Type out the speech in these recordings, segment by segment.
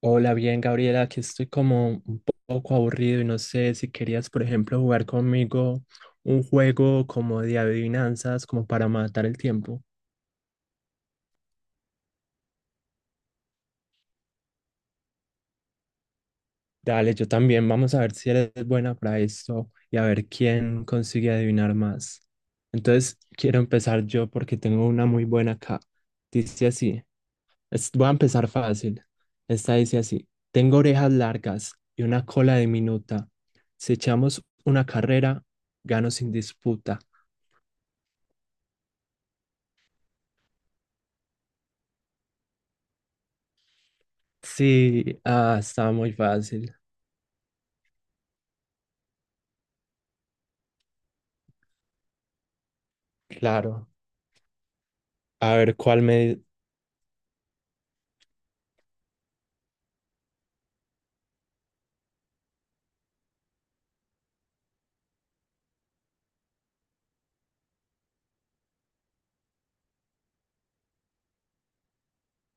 Hola, bien, Gabriela, aquí estoy como poco aburrido y no sé si querías, por ejemplo, jugar conmigo un juego como de adivinanzas, como para matar el tiempo. Dale, yo también, vamos a ver si eres buena para esto y a ver quién consigue adivinar más. Entonces, quiero empezar yo porque tengo una muy buena acá. Dice así, voy a empezar fácil. Esta dice así, tengo orejas largas y una cola diminuta. Si echamos una carrera, gano sin disputa. Sí, ah, está muy fácil. Claro. A ver, ¿cuál me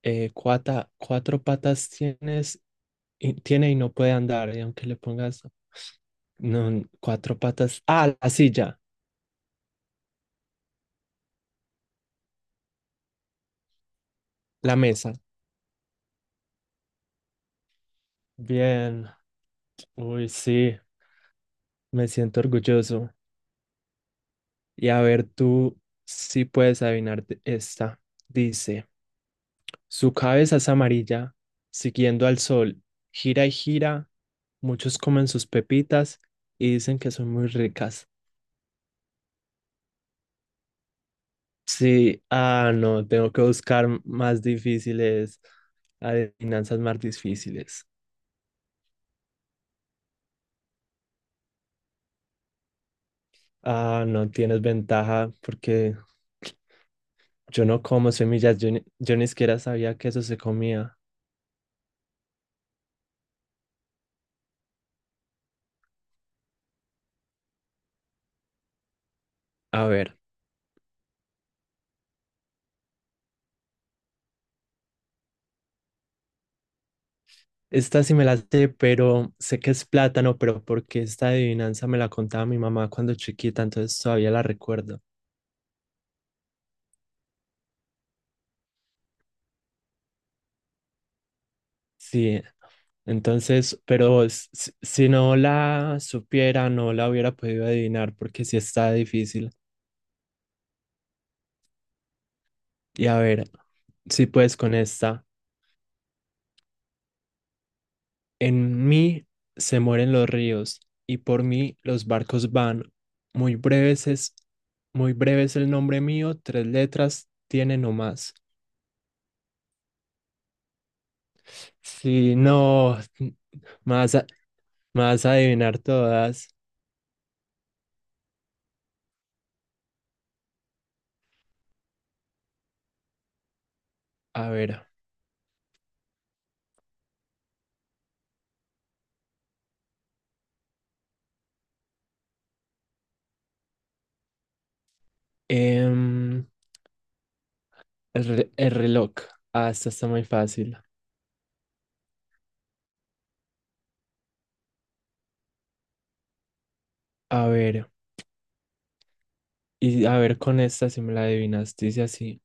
eh, cuata- ¿cuatro patas tienes y no puede andar? Y aunque le pongas no, n- cuatro patas. Ah, la silla, la mesa. Bien. Uy, sí, me siento orgulloso. Y a ver, tú sí puedes adivinar esta. Dice, su cabeza es amarilla, siguiendo al sol, gira y gira. Muchos comen sus pepitas y dicen que son muy ricas. Sí, ah, no, tengo que buscar más difíciles, adivinanzas más difíciles. Ah, no tienes ventaja porque yo no como semillas, yo ni siquiera sabía que eso se comía. A ver, esta sí me la sé, pero sé que es plátano, pero porque esta adivinanza me la contaba mi mamá cuando chiquita, entonces todavía la recuerdo. Sí, entonces, pero si no la supiera, no la hubiera podido adivinar porque sí está difícil. Y a ver. Si puedes con esta. En mí se mueren los ríos y por mí los barcos van. Muy breves es, muy breve es el nombre mío, tres letras tiene no más. Si no, más, más adivinar todas. A ver, em, el reloj. Ah, esta está muy fácil. A ver, y a ver con esta si me la adivinas, dice así.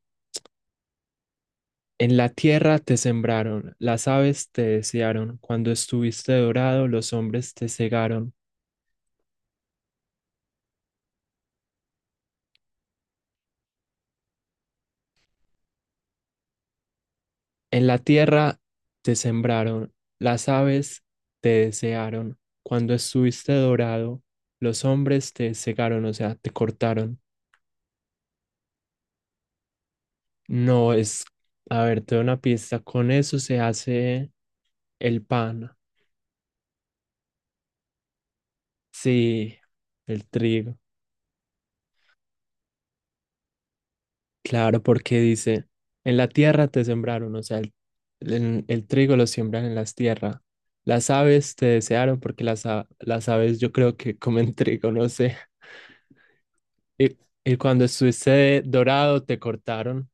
En la tierra te sembraron, las aves te desearon, cuando estuviste dorado los hombres te cegaron. En la tierra te sembraron, las aves te desearon, cuando estuviste dorado los hombres te cegaron, o sea, te cortaron. No es, a ver, te doy una pista, con eso se hace el pan, sí, el trigo. Claro, porque dice, en la tierra te sembraron, o sea, el trigo lo siembran en las tierras. Las aves te desearon porque las aves yo creo que comen trigo, no sé. Y, y cuando estuviste dorado te cortaron,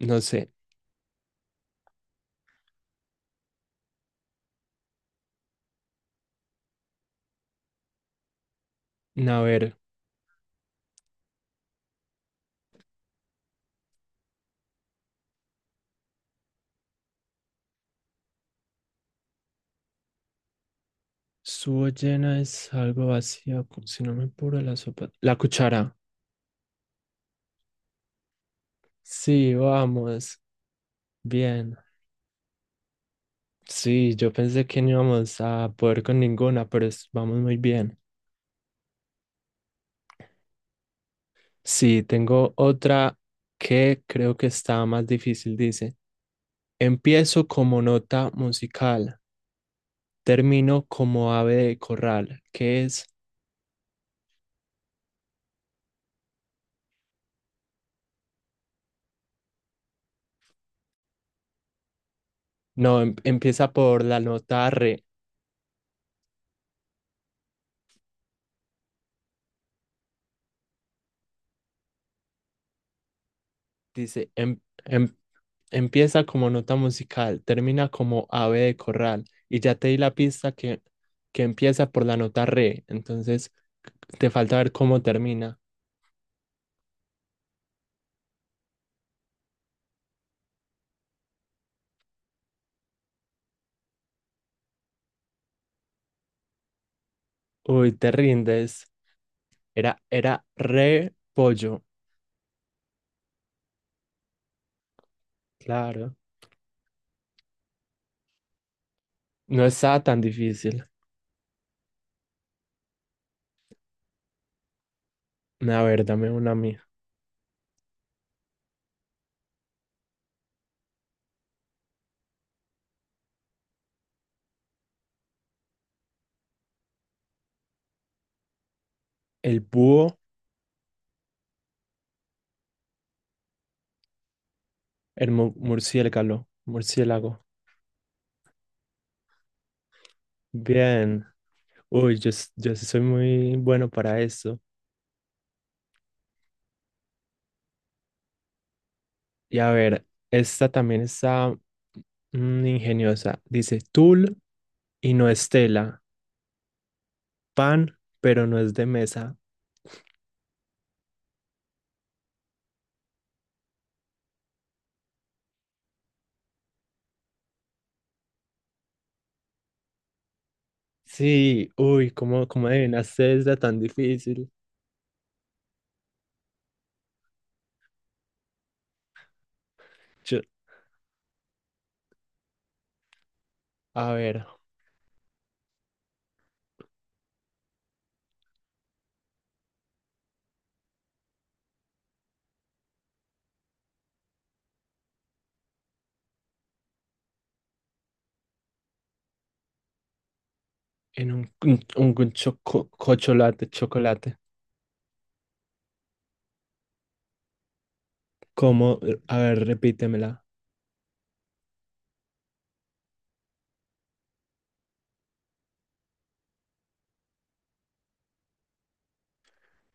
no sé. A ver, su llena es algo vacío, si no me apuro la sopa. La cuchara. Sí, vamos. Bien. Sí, yo pensé que no íbamos a poder con ninguna, pero vamos muy bien. Sí, tengo otra que creo que está más difícil, dice. Empiezo como nota musical, termino como ave de corral, que es, no, empieza por la nota re, dice, empieza como nota musical, termina como ave de corral, y ya te di la pista que empieza por la nota re, entonces te falta ver cómo termina. Uy, te rindes, era re pollo, claro. No estaba tan difícil. A ver, dame una mía. El búho, murciélago, murciélago. Bien. Uy, yo sí soy muy bueno para eso. Y a ver, esta también está mm, ingeniosa. Dice tul y no es tela. Pan, pero no es de mesa. Sí, uy, ¿cómo adivinaste esta tan difícil? Yo- a ver, en un, un choco- chocolate, chocolate. ¿Cómo? A ver, repítemela.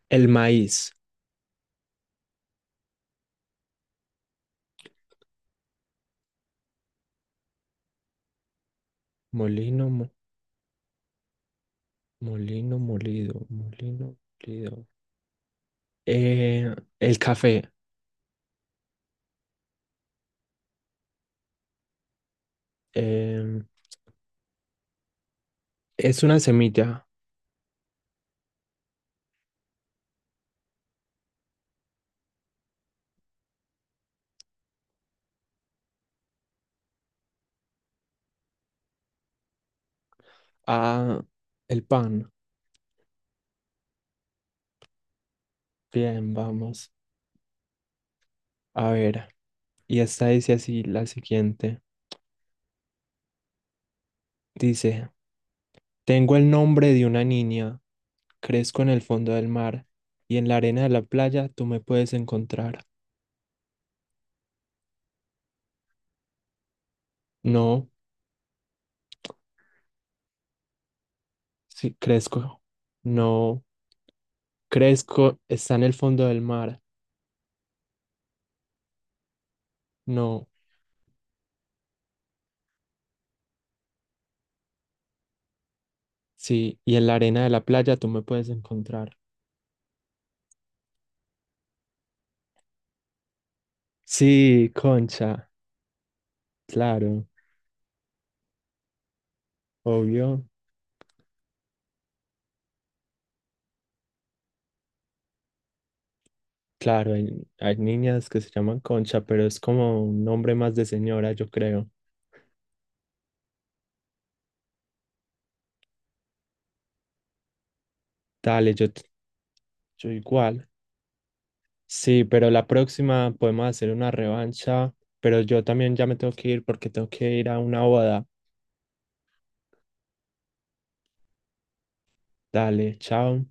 El maíz. Molino, mo- molino molido, molino molido. Eh, el café. Eh, es una semilla. Ah, el pan. Bien, vamos. A ver. Y esta dice así, la siguiente. Dice, tengo el nombre de una niña. Crezco en el fondo del mar y en la arena de la playa tú me puedes encontrar. No, sí, crezco. No, crezco, está en el fondo del mar. No. Sí, y en la arena de la playa tú me puedes encontrar. Sí, Concha, claro, obvio. Claro, hay niñas que se llaman Concha, pero es como un nombre más de señora, yo creo. Dale, yo igual. Sí, pero la próxima podemos hacer una revancha, pero yo también ya me tengo que ir porque tengo que ir a una boda. Dale, chao.